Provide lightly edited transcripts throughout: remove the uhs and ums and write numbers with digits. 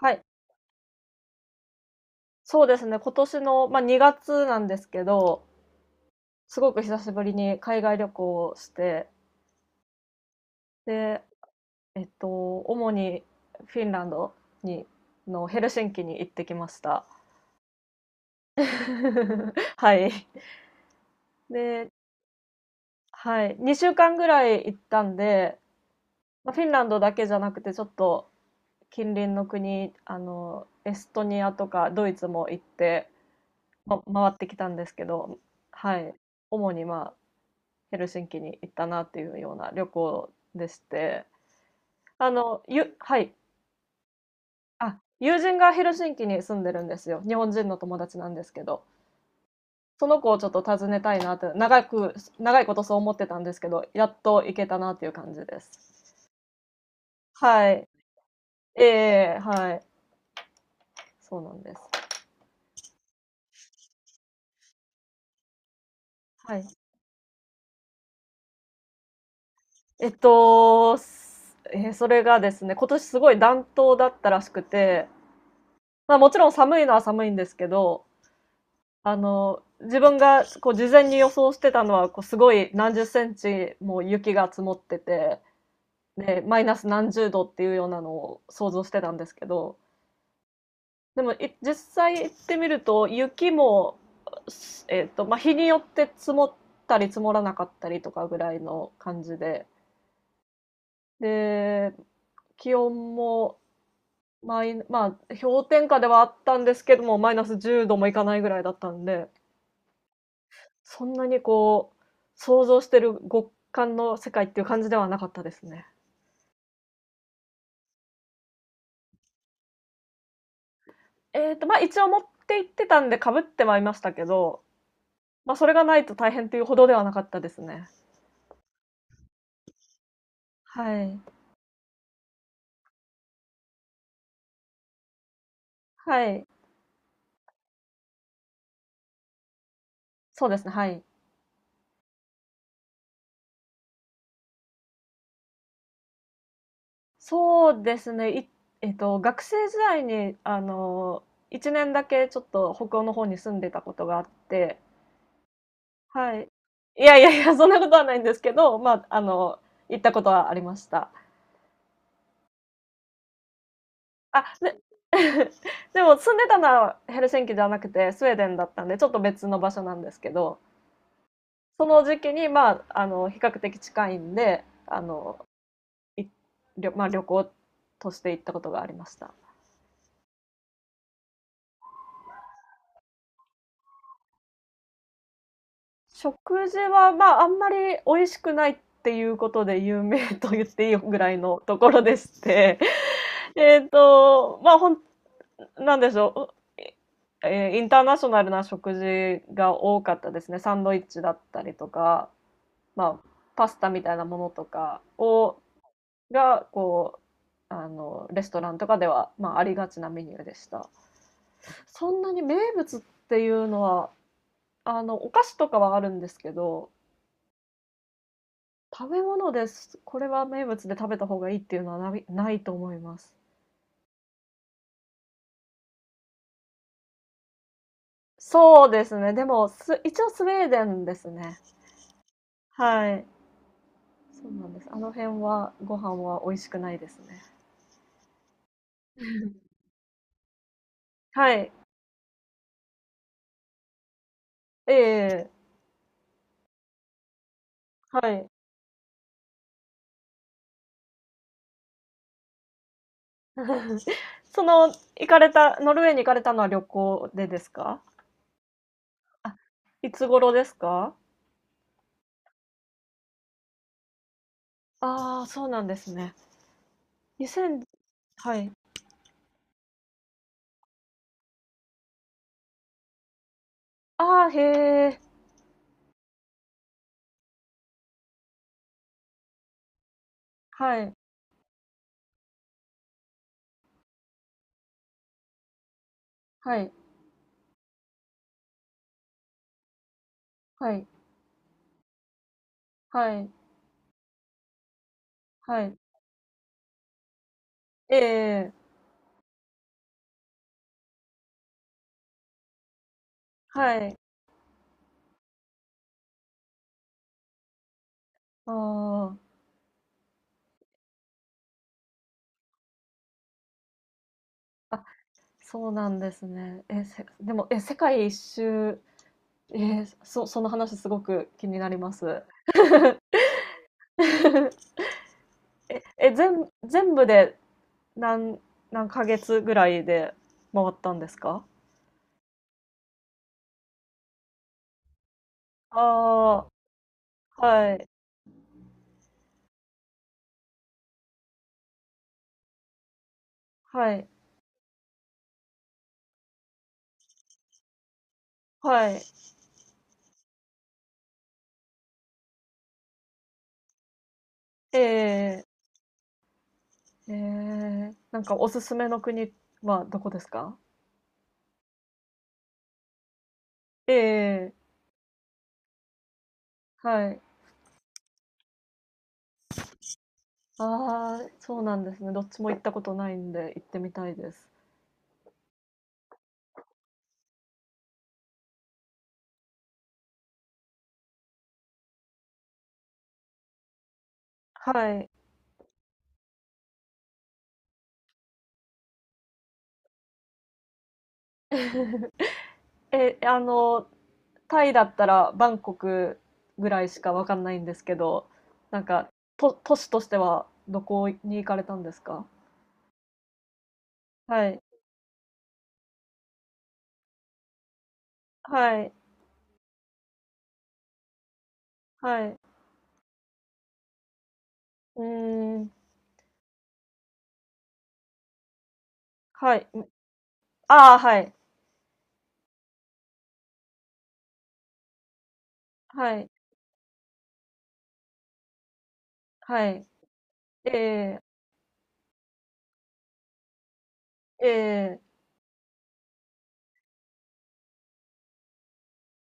はい、そうですね、今年の、まあ、2月なんですけど、すごく久しぶりに海外旅行をして、で、えっと、主にフィンランドにのヘルシンキに行ってきました。はい。で、はい、2週間ぐらい行ったんで、まあ、フィンランドだけじゃなくてちょっと近隣の国、あの、エストニアとかドイツも行って、ま、回ってきたんですけど、はい、主に、まあヘルシンキに行ったなっていうような旅行でして、はい。あ、友人がヘルシンキに住んでるんですよ。日本人の友達なんですけど、その子をちょっと訪ねたいなって、長いことそう思ってたんですけど、やっと行けたなっていう感じです。はい。ええ、はい。そうなんです。はい。えっと、すええ、それがですね、今年すごい暖冬だったらしくて、まあ、もちろん寒いのは寒いんですけど、あの、自分がこう事前に予想してたのは、こうすごい何十センチも雪が積もってて、で、マイナス何十度っていうようなのを想像してたんですけど、でも実際行ってみると、雪も、えっと、まあ、日によって積もったり積もらなかったりとかぐらいの感じで、で、気温もまあ、氷点下ではあったんですけども、マイナス10度もいかないぐらいだったんで、そんなにこう、想像してる極寒の世界っていう感じではなかったですね。えっと、まあ、一応持って行ってたんで被ってはいましたけど、まあ、それがないと大変っていうほどではなかったですね。はい。はい。そうですね、はい。そうですね、えっと、学生時代に、あの、1年だけちょっと北欧の方に住んでたことがあって、はい。いやいやいや、そんなことはないんですけど、まあ、あの、行ったことはありました。あ、で でも住んでたのはヘルシンキじゃなくてスウェーデンだったんでちょっと別の場所なんですけど、その時期にまああの比較的近いんであのい旅、まあ、旅行として行ったことがありました。食事はまああんまり美味しくないっていうことで有名と言っていいぐらいのところでして まあ、なんでしょう、えーインターナショナルな食事が多かったですね。サンドイッチだったりとか、まあ、パスタみたいなものとかがレストランとかでは、まあ、ありがちなメニューでした。そんなに名物っていうのはお菓子とかはあるんですけど、食べ物ですこれは名物で食べた方がいいっていうのはないと思います。そうですね。でも一応スウェーデンですね。はい。そうなんです。あの辺はご飯は美味しくないですね。はい。ええ、はい。 その、行かれた、ノルウェーに行かれたのは旅行でですか？あ、いつ頃ですか？ああー、そうなんですね。2000。はい。ああ、へえ。はい。はい。はい。はい。はい。ええ、はい。ああ。あ、そうなんですね。え、でも、え、世界一周、その話すごく気になります。え、え、全部で、何何ヶ月ぐらいで回ったんですか？ああはい、はい、はい。ええ、ええ、なんかおすすめの国はどこですか？ええ、はい。ああ、そうなんですね。どっちも行ったことないんで行ってみたいです。はい。え、あの、タイだったらバンコクぐらいしかわかんないんですけど、なんか、都市としてはどこに行かれたんですか？はい、はい、はい。うーん、はい。ああはい、はい、はい。ええ、ええ、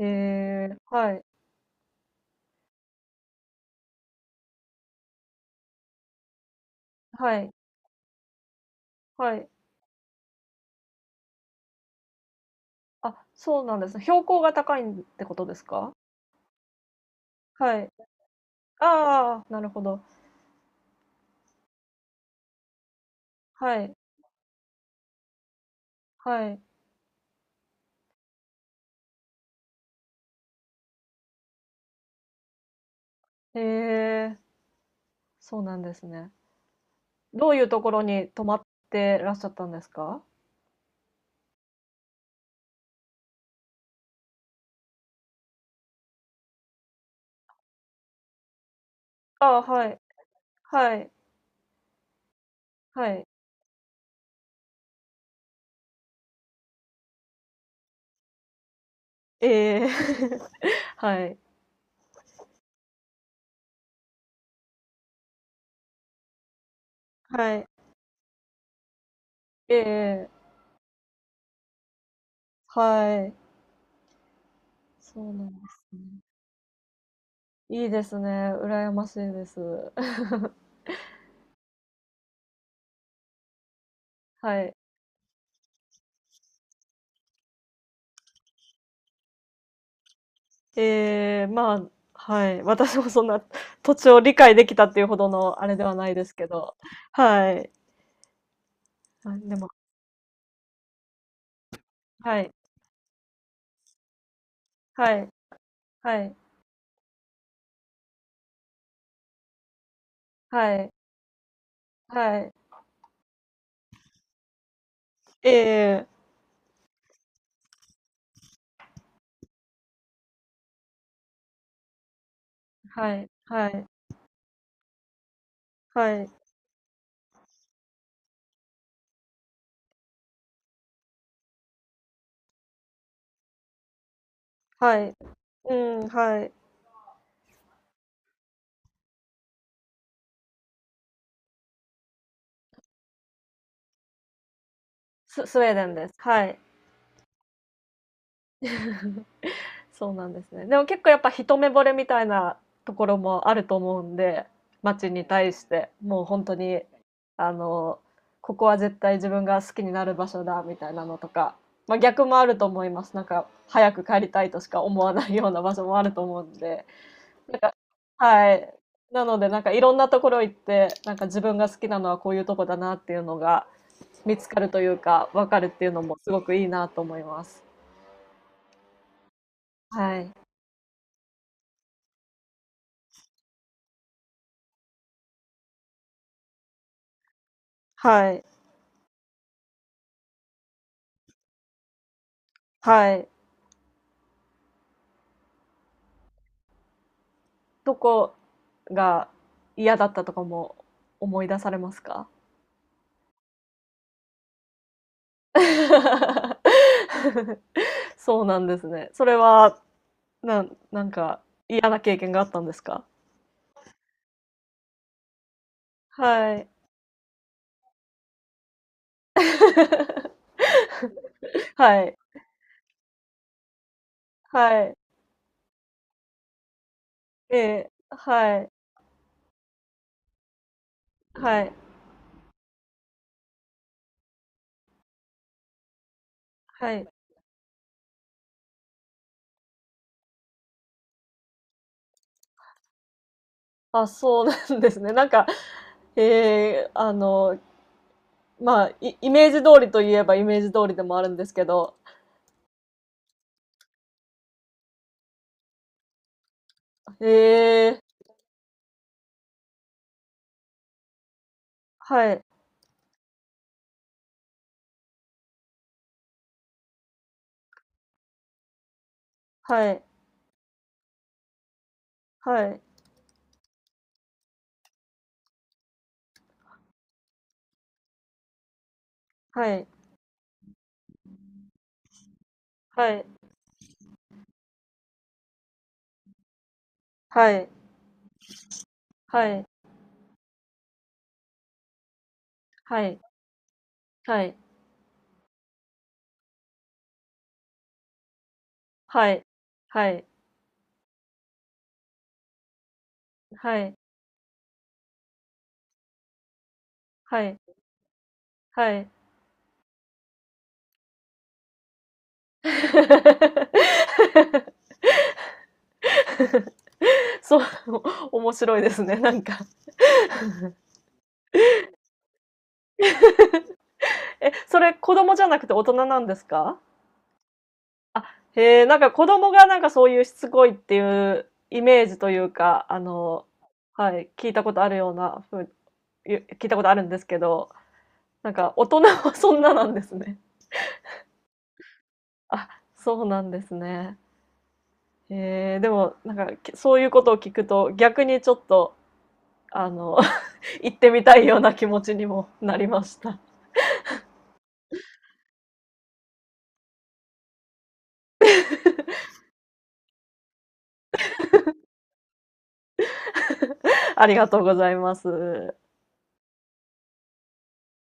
ええ、はい、はい、はい。あ、そうなんですね。標高が高いんってことですか？はい。ああなるほど。はい、はい。へえ、そうなんですね。どういうところに泊まってらっしゃったんですか？ああ、はい、はい、はい。ええ。はい、はい。ええ。はい。そうなんですね。いいですね、羨ましいです。はい。ええ、まあ、はい。私もそんな土地を理解できたっていうほどのあれではないですけど。はい。あ、でも、はい。はい。はい。はい。はい。ええ、はい。はい。はい。はい。うん、はい。スウェーデンです。はい。そうなんですね。でも結構やっぱ一目惚れみたいなところもあると思うんで、街に対して、もう本当に、あの、ここは絶対自分が好きになる場所だみたいなのとか、まあ、逆もあると思います。なんか、早く帰りたいとしか思わないような場所もあると思うんで、なんか、はい。なので、なんかいろんなところ行って、なんか自分が好きなのはこういうとこだなっていうのが見つかるというか、わかるっていうのもすごくいいなと思います。はい。はい。はい。とこが嫌だったとかも思い出されますか？ そうなんですね。それは、なんか嫌な経験があったんですか？はい。はい。はい。ええ。はい。はい。はい。あ、そうなんですね。なんか、ええ、あの、まあ、イイメージ通りといえばイメージ通りでもあるんですけど。ええ。はい。はい。はい。はい。はい。はい。はい。はい。はい、はい、はい、はい、はい、はい、そう、面白いですね、なんか。え、それ子供じゃなくて大人なんですか？あ、へえ、なんか子供がなんかそういうしつこいっていうイメージというか、あの、はい、聞いたことあるようなふう、聞いたことあるんですけど、なんか大人はそんななんですね。あ、そうなんですね。えー、でも、なんか、そういうことを聞くと、逆にちょっと、あの 行ってみたいような気持ちにもなりました。ありがとうございます。